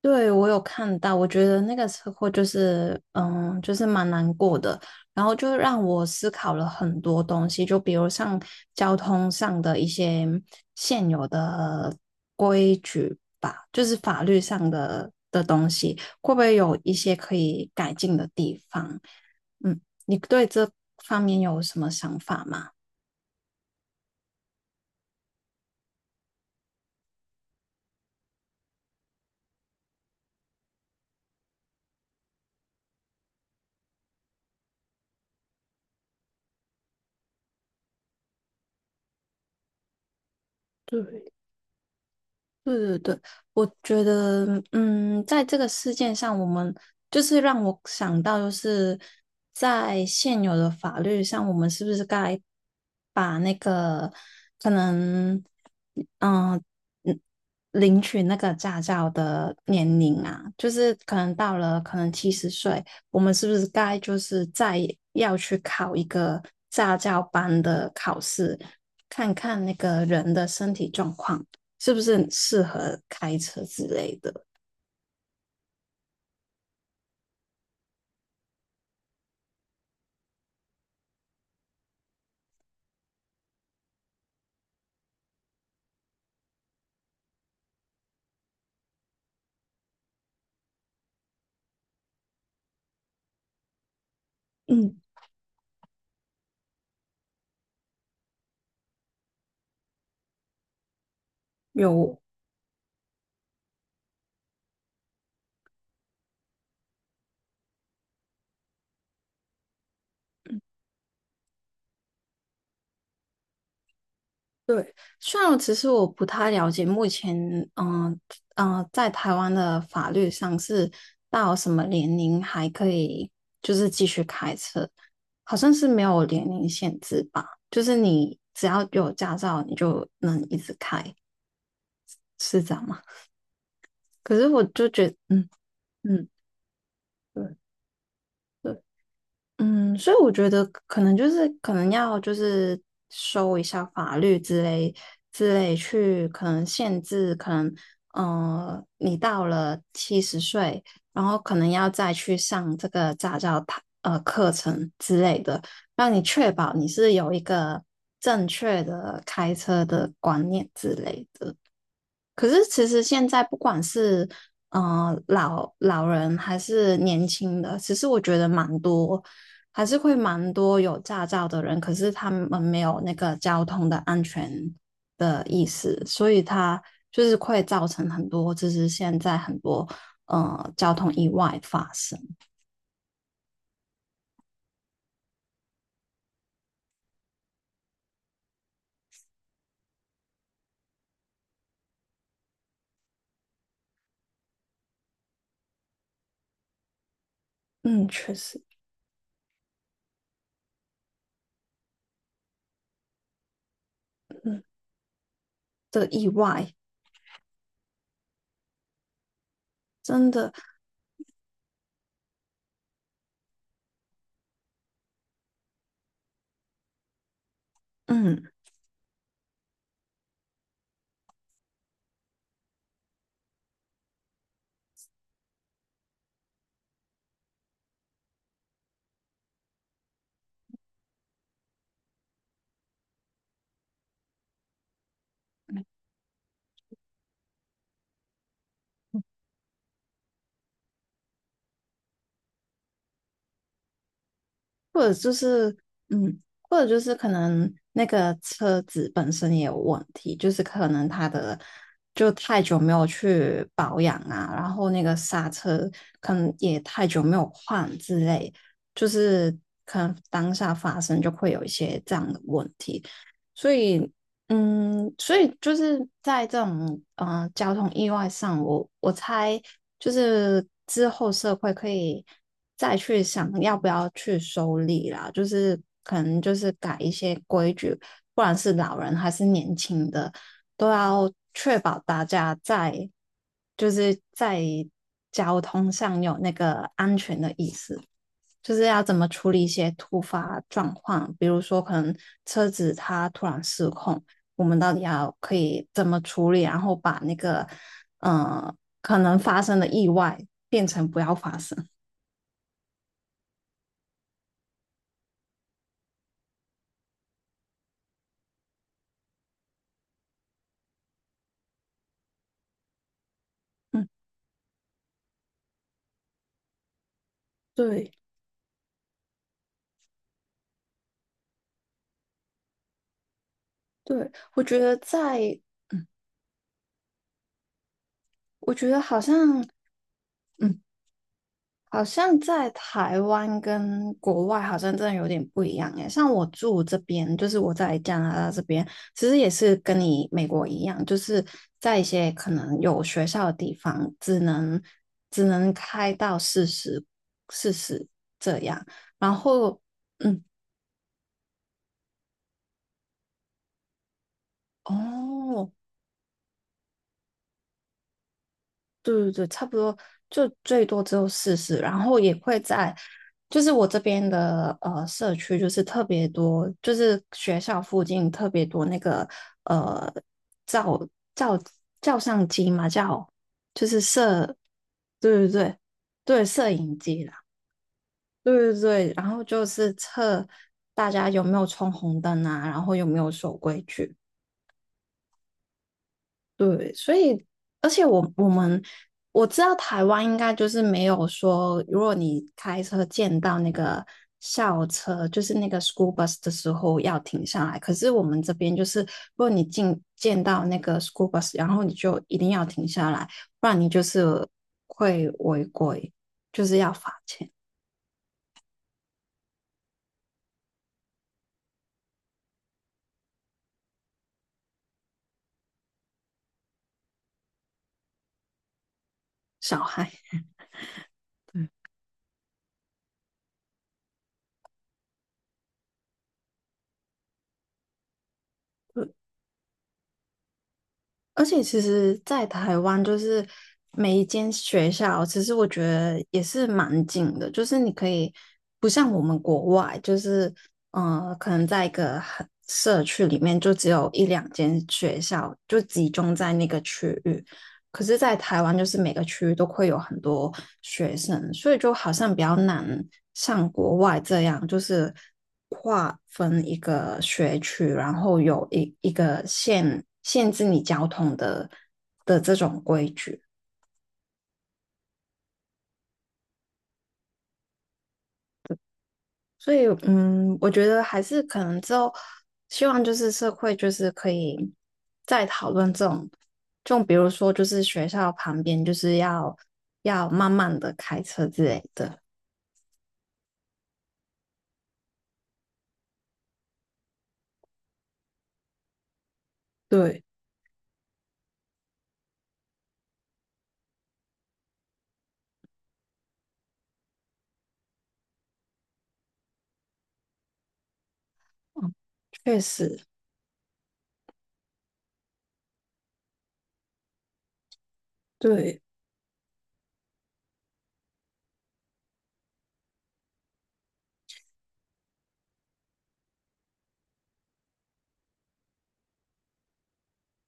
对，我有看到，我觉得那个车祸就是，就是蛮难过的。然后就让我思考了很多东西，就比如像交通上的一些现有的规矩吧，就是法律上的东西，会不会有一些可以改进的地方？你对这方面有什么想法吗？对。对对对，我觉得，在这个事件上，我们就是让我想到，就是在现有的法律上，我们是不是该把那个可能，嗯嗯，领取那个驾照的年龄啊，就是可能到了可能七十岁，我们是不是该就是再要去考一个驾照班的考试，看看那个人的身体状况，是不是很适合开车之类的。嗯。有。虽然其实我不太了解目前，嗯、呃嗯、在台湾的法律上是到什么年龄还可以就是继续开车，好像是没有年龄限制吧？就是你只要有驾照，你就能一直开，是这样吗？可是我就觉得，嗯嗯，对对。所以我觉得可能就是可能要就是收一下法律之类去，可能限制，可能你到了七十岁，然后可能要再去上这个驾照它课程之类的，让你确保你是有一个正确的开车的观念之类的。可是其实现在不管是老人还是年轻的，其实我觉得蛮多，还是会蛮多有驾照的人，可是他们没有那个交通的安全的意识，所以他就是会造成很多，就是现在很多交通意外发生。嗯，确实。嗯的意外真的。嗯。或者就是，或者就是可能那个车子本身也有问题，就是可能它的就太久没有去保养啊，然后那个刹车可能也太久没有换之类，就是可能当下发生就会有一些这样的问题。所以，所以就是在这种交通意外上，我猜就是之后社会可以再去想要不要去收礼啦，就是可能就是改一些规矩，不管是老人还是年轻的，都要确保大家在就是在交通上有那个安全的意识。就是要怎么处理一些突发状况，比如说可能车子它突然失控，我们到底要可以怎么处理，然后把那个呃可能发生的意外变成不要发生。嗯，对对，我觉得在，嗯，我觉得好像，嗯，好像在台湾跟国外好像真的有点不一样诶，像我住这边，就是我在加拿大这边，其实也是跟你美国一样，就是在一些可能有学校的地方，只能开到四十这样。然后嗯哦，对对对，差不多就最多只有四十，然后也会在，就是我这边的社区，就是特别多，就是学校附近特别多那个呃照照照相机嘛，叫就是摄，对对对对，摄影机啦，对对对，然后就是测大家有没有冲红灯啊，然后有没有守规矩。对，所以而且我知道台湾应该就是没有说，如果你开车见到那个校车，就是那个 school bus 的时候要停下来。可是我们这边就是，如果你见到那个 school bus，然后你就一定要停下来，不然你就是会违规，就是要罚钱。小孩。而且其实，在台湾就是每一间学校，其实我觉得也是蛮近的，就是你可以不像我们国外，就是可能在一个很社区里面就只有一两间学校，就集中在那个区域。可是，在台湾就是每个区都会有很多学生，所以就好像比较难像国外这样，就是划分一个学区，然后有一个限制你交通的这种规矩。所以，我觉得还是可能之后，希望就是社会就是可以再讨论这种，就比如说就是学校旁边就是要慢慢的开车之类的。对。确实，对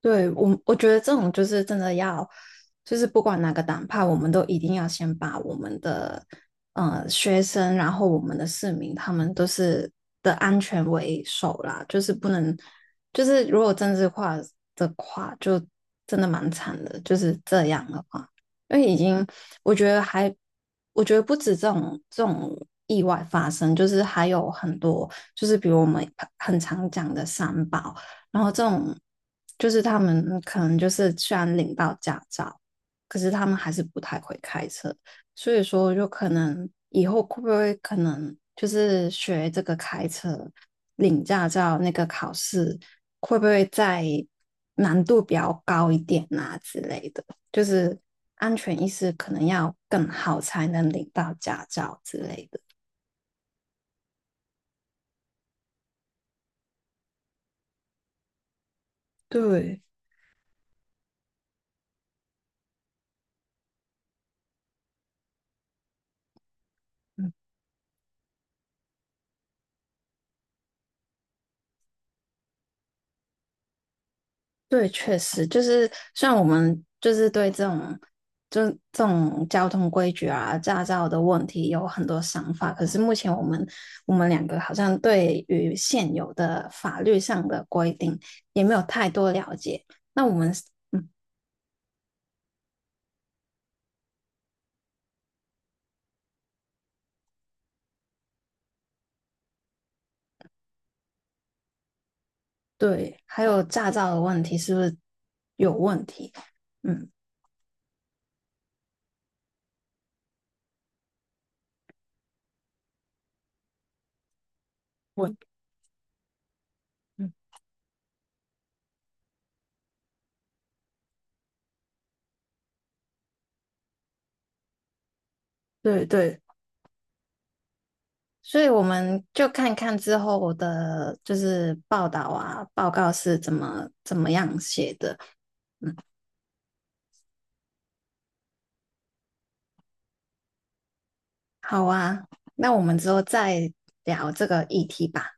对，我觉得这种就是真的要，就是不管哪个党派，我们都一定要先把我们的学生，然后我们的市民，他们都是的安全为首啦，就是不能，就是如果政治化的话，就真的蛮惨的，就是这样的话，因为已经我觉得还，我觉得不止这种。意外发生，就是还有很多，就是比如我们很常讲的三宝，然后这种就是他们可能就是虽然领到驾照，可是他们还是不太会开车，所以说就可能以后会不会可能就是学这个开车领驾照那个考试会不会再难度比较高一点啊之类的，就是安全意识可能要更好才能领到驾照之类的。对。对，确实就是像我们就是对这种就是这种交通规矩啊、驾照的问题有很多想法，可是目前我们两个好像对于现有的法律上的规定也没有太多了解。那我们。嗯，对，还有驾照的问题是不是有问题？嗯，问，嗯，对对。所以我们就看看之后我的就是报道啊，报告是怎么样写的。嗯，好啊，那我们之后再聊这个议题吧。